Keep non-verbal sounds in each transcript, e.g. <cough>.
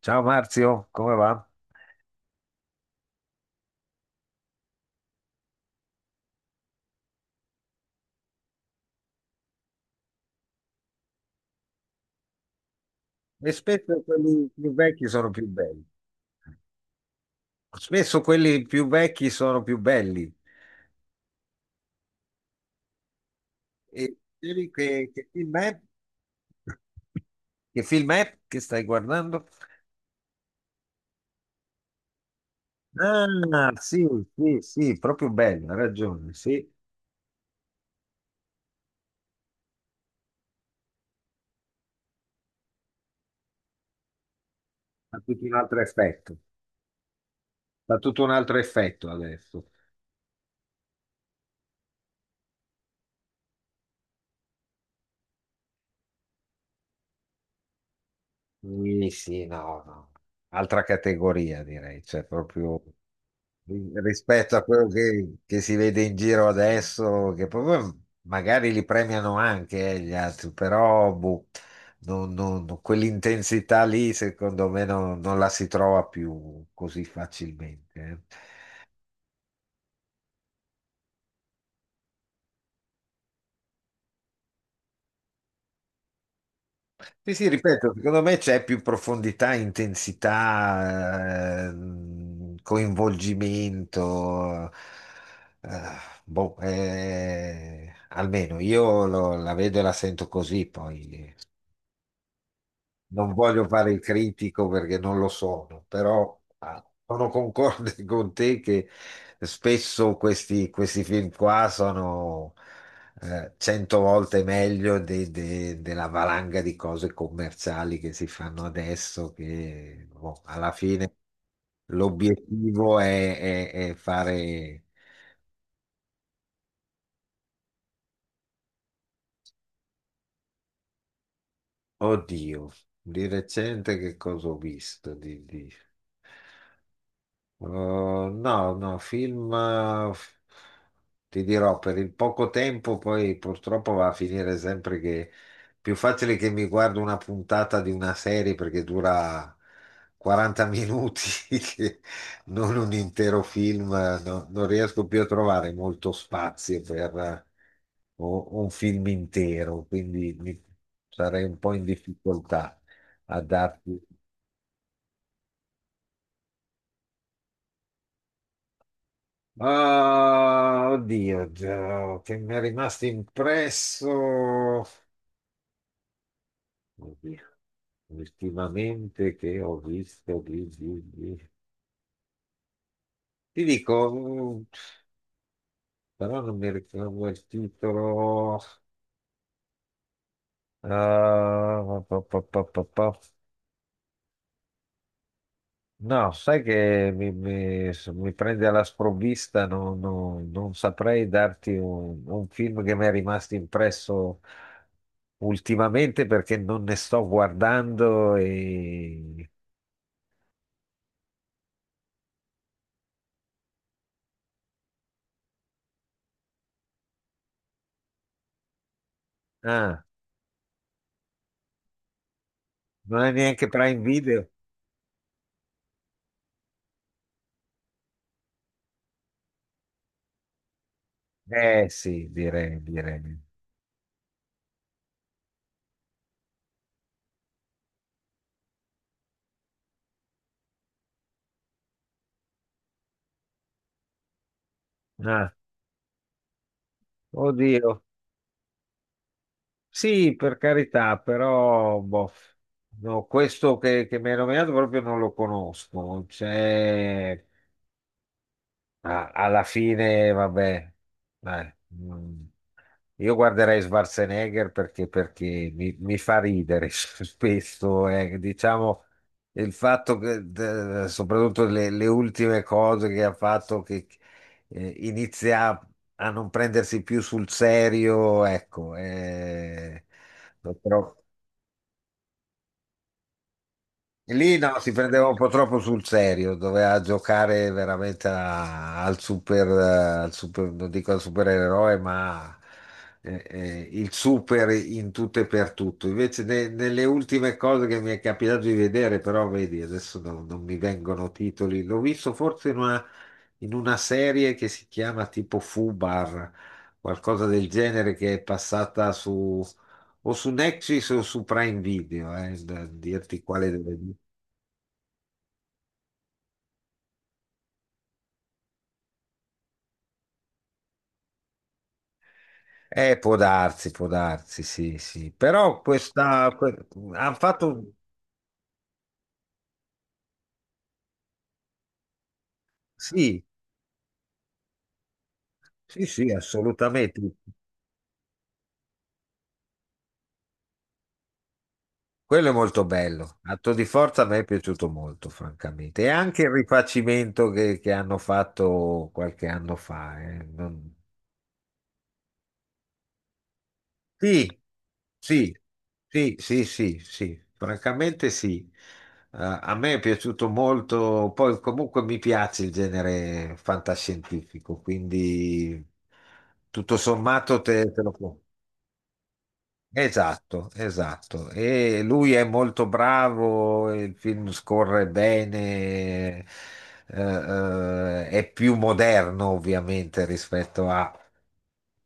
Ciao Marzio, come va? E spesso quelli più vecchi sono più belli. Spesso quelli più vecchi sono più belli. E dicevi che film è? Che film è che stai guardando? Ah, sì, sì, sì, proprio bello, hai ragione, sì. Fa tutto un altro effetto. Fa tutto un altro effetto adesso. Sì, sì, no, no. Altra categoria direi, cioè proprio rispetto a quello che si vede in giro adesso, che proprio magari li premiano anche gli altri, però boh, quell'intensità lì secondo me non la si trova più così facilmente. Sì, sì, ripeto, secondo me c'è più profondità, intensità, coinvolgimento. Eh, boh, almeno io la vedo e la sento così. Poi non voglio fare il critico perché non lo sono, però sono concorde <laughs> con te che spesso questi film qua sono cento volte meglio della valanga di cose commerciali che si fanno adesso, che boh, alla fine l'obiettivo è fare... Oddio, di recente che cosa ho visto? No, no, film, ti dirò, per il poco tempo poi purtroppo va a finire sempre che è più facile che mi guardo una puntata di una serie perché dura 40 minuti, <laughs> che non un intero film, non riesco più a trovare molto spazio per un film intero, quindi sarei un po' in difficoltà a darti. Ah, oddio, già, che mi è rimasto impresso. Oddio, ultimamente che ho visto ti dico, però non mi ricordo il titolo. Ah, pa, pa, pa, pa, pa. No, sai che mi prende alla sprovvista, non saprei darti un film che mi è rimasto impresso ultimamente perché non ne sto guardando e... Ah, non è neanche Prime Video? Eh sì, direi, direi. Ah, oddio. Sì, per carità, però boh, no, questo che mi hai nominato proprio non lo conosco. C'è... Ah, alla fine, vabbè, dai, io guarderei Schwarzenegger perché, perché mi fa ridere <laughs> spesso, diciamo, il fatto che, soprattutto le ultime cose che ha fatto, che inizia a non prendersi più sul serio, ecco. Però lì no, si prendeva un po' troppo sul serio, doveva giocare veramente al super, al non dico al supereroe, ma il super in tutto e per tutto. Invece nelle ultime cose che mi è capitato di vedere, però vedi, adesso non mi vengono titoli, l'ho visto forse in una serie che si chiama tipo Fubar, qualcosa del genere che è passata su o su Nexus o su Prime Video, da dirti quale deve... può darsi, sì, sì. Hanno fatto, sì, sì, sì, assolutamente. Quello è molto bello. Atto di forza a me è piaciuto molto, francamente. E anche il rifacimento che hanno fatto qualche anno fa. Non... Sì, sì, sì, sì, sì, sì, francamente sì. A me è piaciuto molto, poi comunque mi piace il genere fantascientifico, quindi tutto sommato te lo può... Esatto, esatto. E lui è molto bravo, il film scorre bene, è più moderno ovviamente rispetto a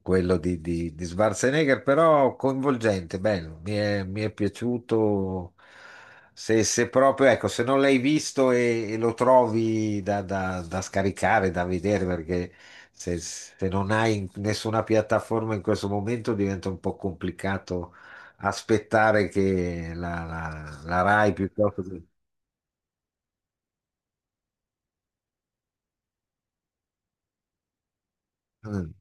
quello di Schwarzenegger, però coinvolgente, bello, mi è piaciuto. Se proprio, ecco, se non l'hai visto e lo trovi da scaricare, da vedere, perché se non hai nessuna piattaforma in questo momento diventa un po' complicato aspettare che la Rai piuttosto che... Mm.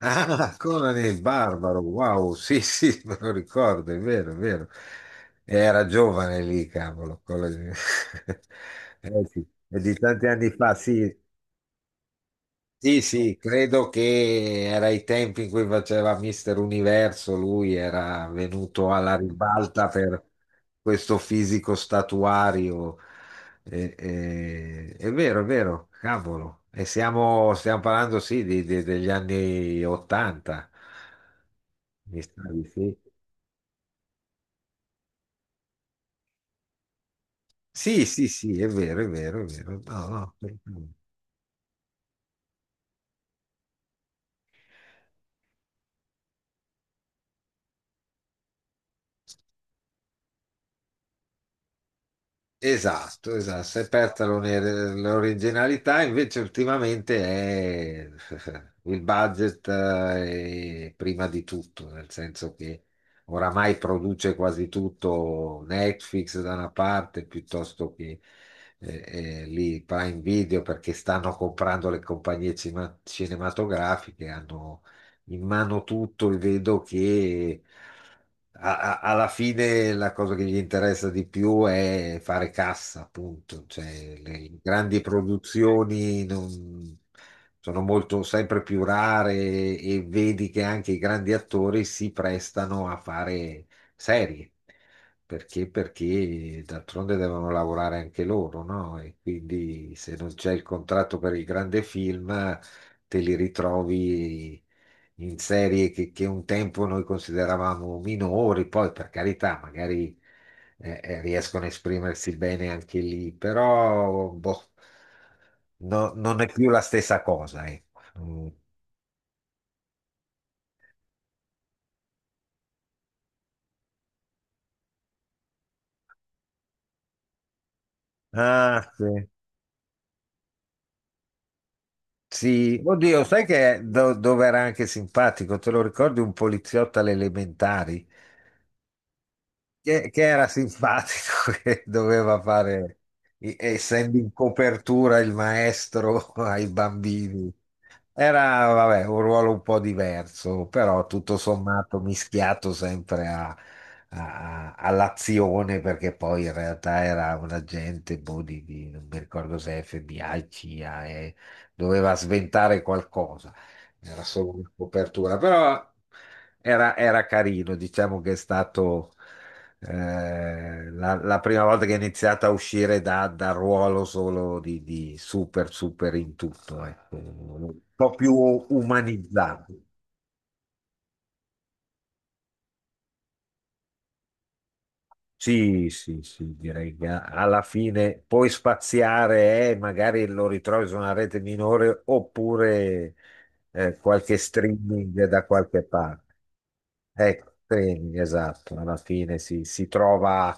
Ah, Conan il Barbaro, wow, sì, sì, <laughs> me lo ricordo, è vero, è vero. Era giovane lì, cavolo. Conan... <laughs> Eh sì, è di tanti anni fa, sì, sì, sì, credo che era i tempi in cui faceva Mister Universo, lui era venuto alla ribalta per questo fisico statuario. È vero, cavolo. E siamo, stiamo parlando, sì, degli anni 80. Mi stavi, sì? Sì, sì, sì, è vero, è vero, è vero. No, no, per... Esatto, esatto. Si è persa l'originalità, invece ultimamente è <laughs> il budget è prima di tutto, nel senso che oramai produce quasi tutto Netflix da una parte piuttosto che eh, lì Prime Video perché stanno comprando le compagnie cinematografiche, hanno in mano tutto e vedo che alla fine la cosa che gli interessa di più è fare cassa, appunto. Cioè, le grandi produzioni non... sono molto sempre più rare e vedi che anche i grandi attori si prestano a fare serie. Perché? Perché d'altronde devono lavorare anche loro, no? E quindi se non c'è il contratto per il grande film, te li ritrovi in serie che un tempo noi consideravamo minori, poi per carità, magari riescono a esprimersi bene anche lì, però boh, non è più la stessa cosa, ecco. Mm. Ah, sì. Sì. Oddio, sai che dove era anche simpatico? Te lo ricordi Un poliziotto alle elementari? Che era simpatico, <laughs> che doveva fare, essendo in copertura il maestro <laughs> ai bambini. Era, vabbè, un ruolo un po' diverso, però tutto sommato mischiato sempre all'azione, perché poi in realtà era un agente, boh, non mi ricordo se FBI, CIA, e doveva sventare qualcosa. Era solo una copertura, però era, era carino, diciamo che è stato. La prima volta che ho iniziato a uscire dal ruolo solo di super, super in tutto, ecco. Un po' più umanizzato. Sì, sì, sì, direi che alla fine puoi spaziare e magari lo ritrovi su una rete minore oppure qualche streaming da qualche parte. Ecco, training, esatto, alla fine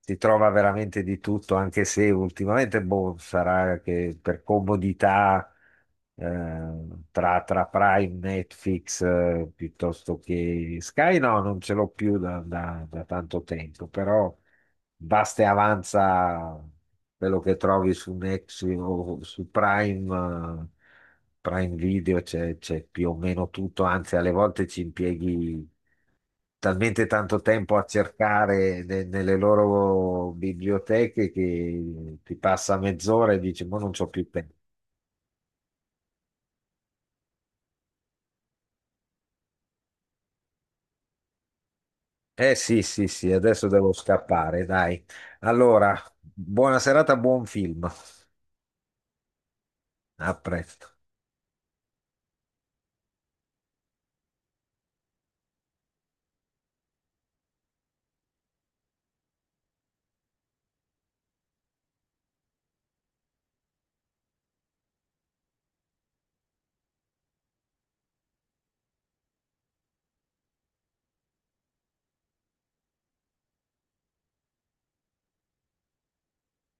si trova veramente di tutto, anche se ultimamente boh, sarà che per comodità eh, tra Prime, Netflix, piuttosto che Sky, no, non ce l'ho più da, da tanto tempo, però basta e avanza quello che trovi su Next o su Prime, Prime Video, c'è più o meno tutto, anzi alle volte ci impieghi talmente tanto tempo a cercare nelle loro biblioteche che ti passa mezz'ora e dici, ma non c'ho più tempo. Eh sì, sì, sì, adesso devo scappare, dai. Allora, buona serata, buon film. A presto.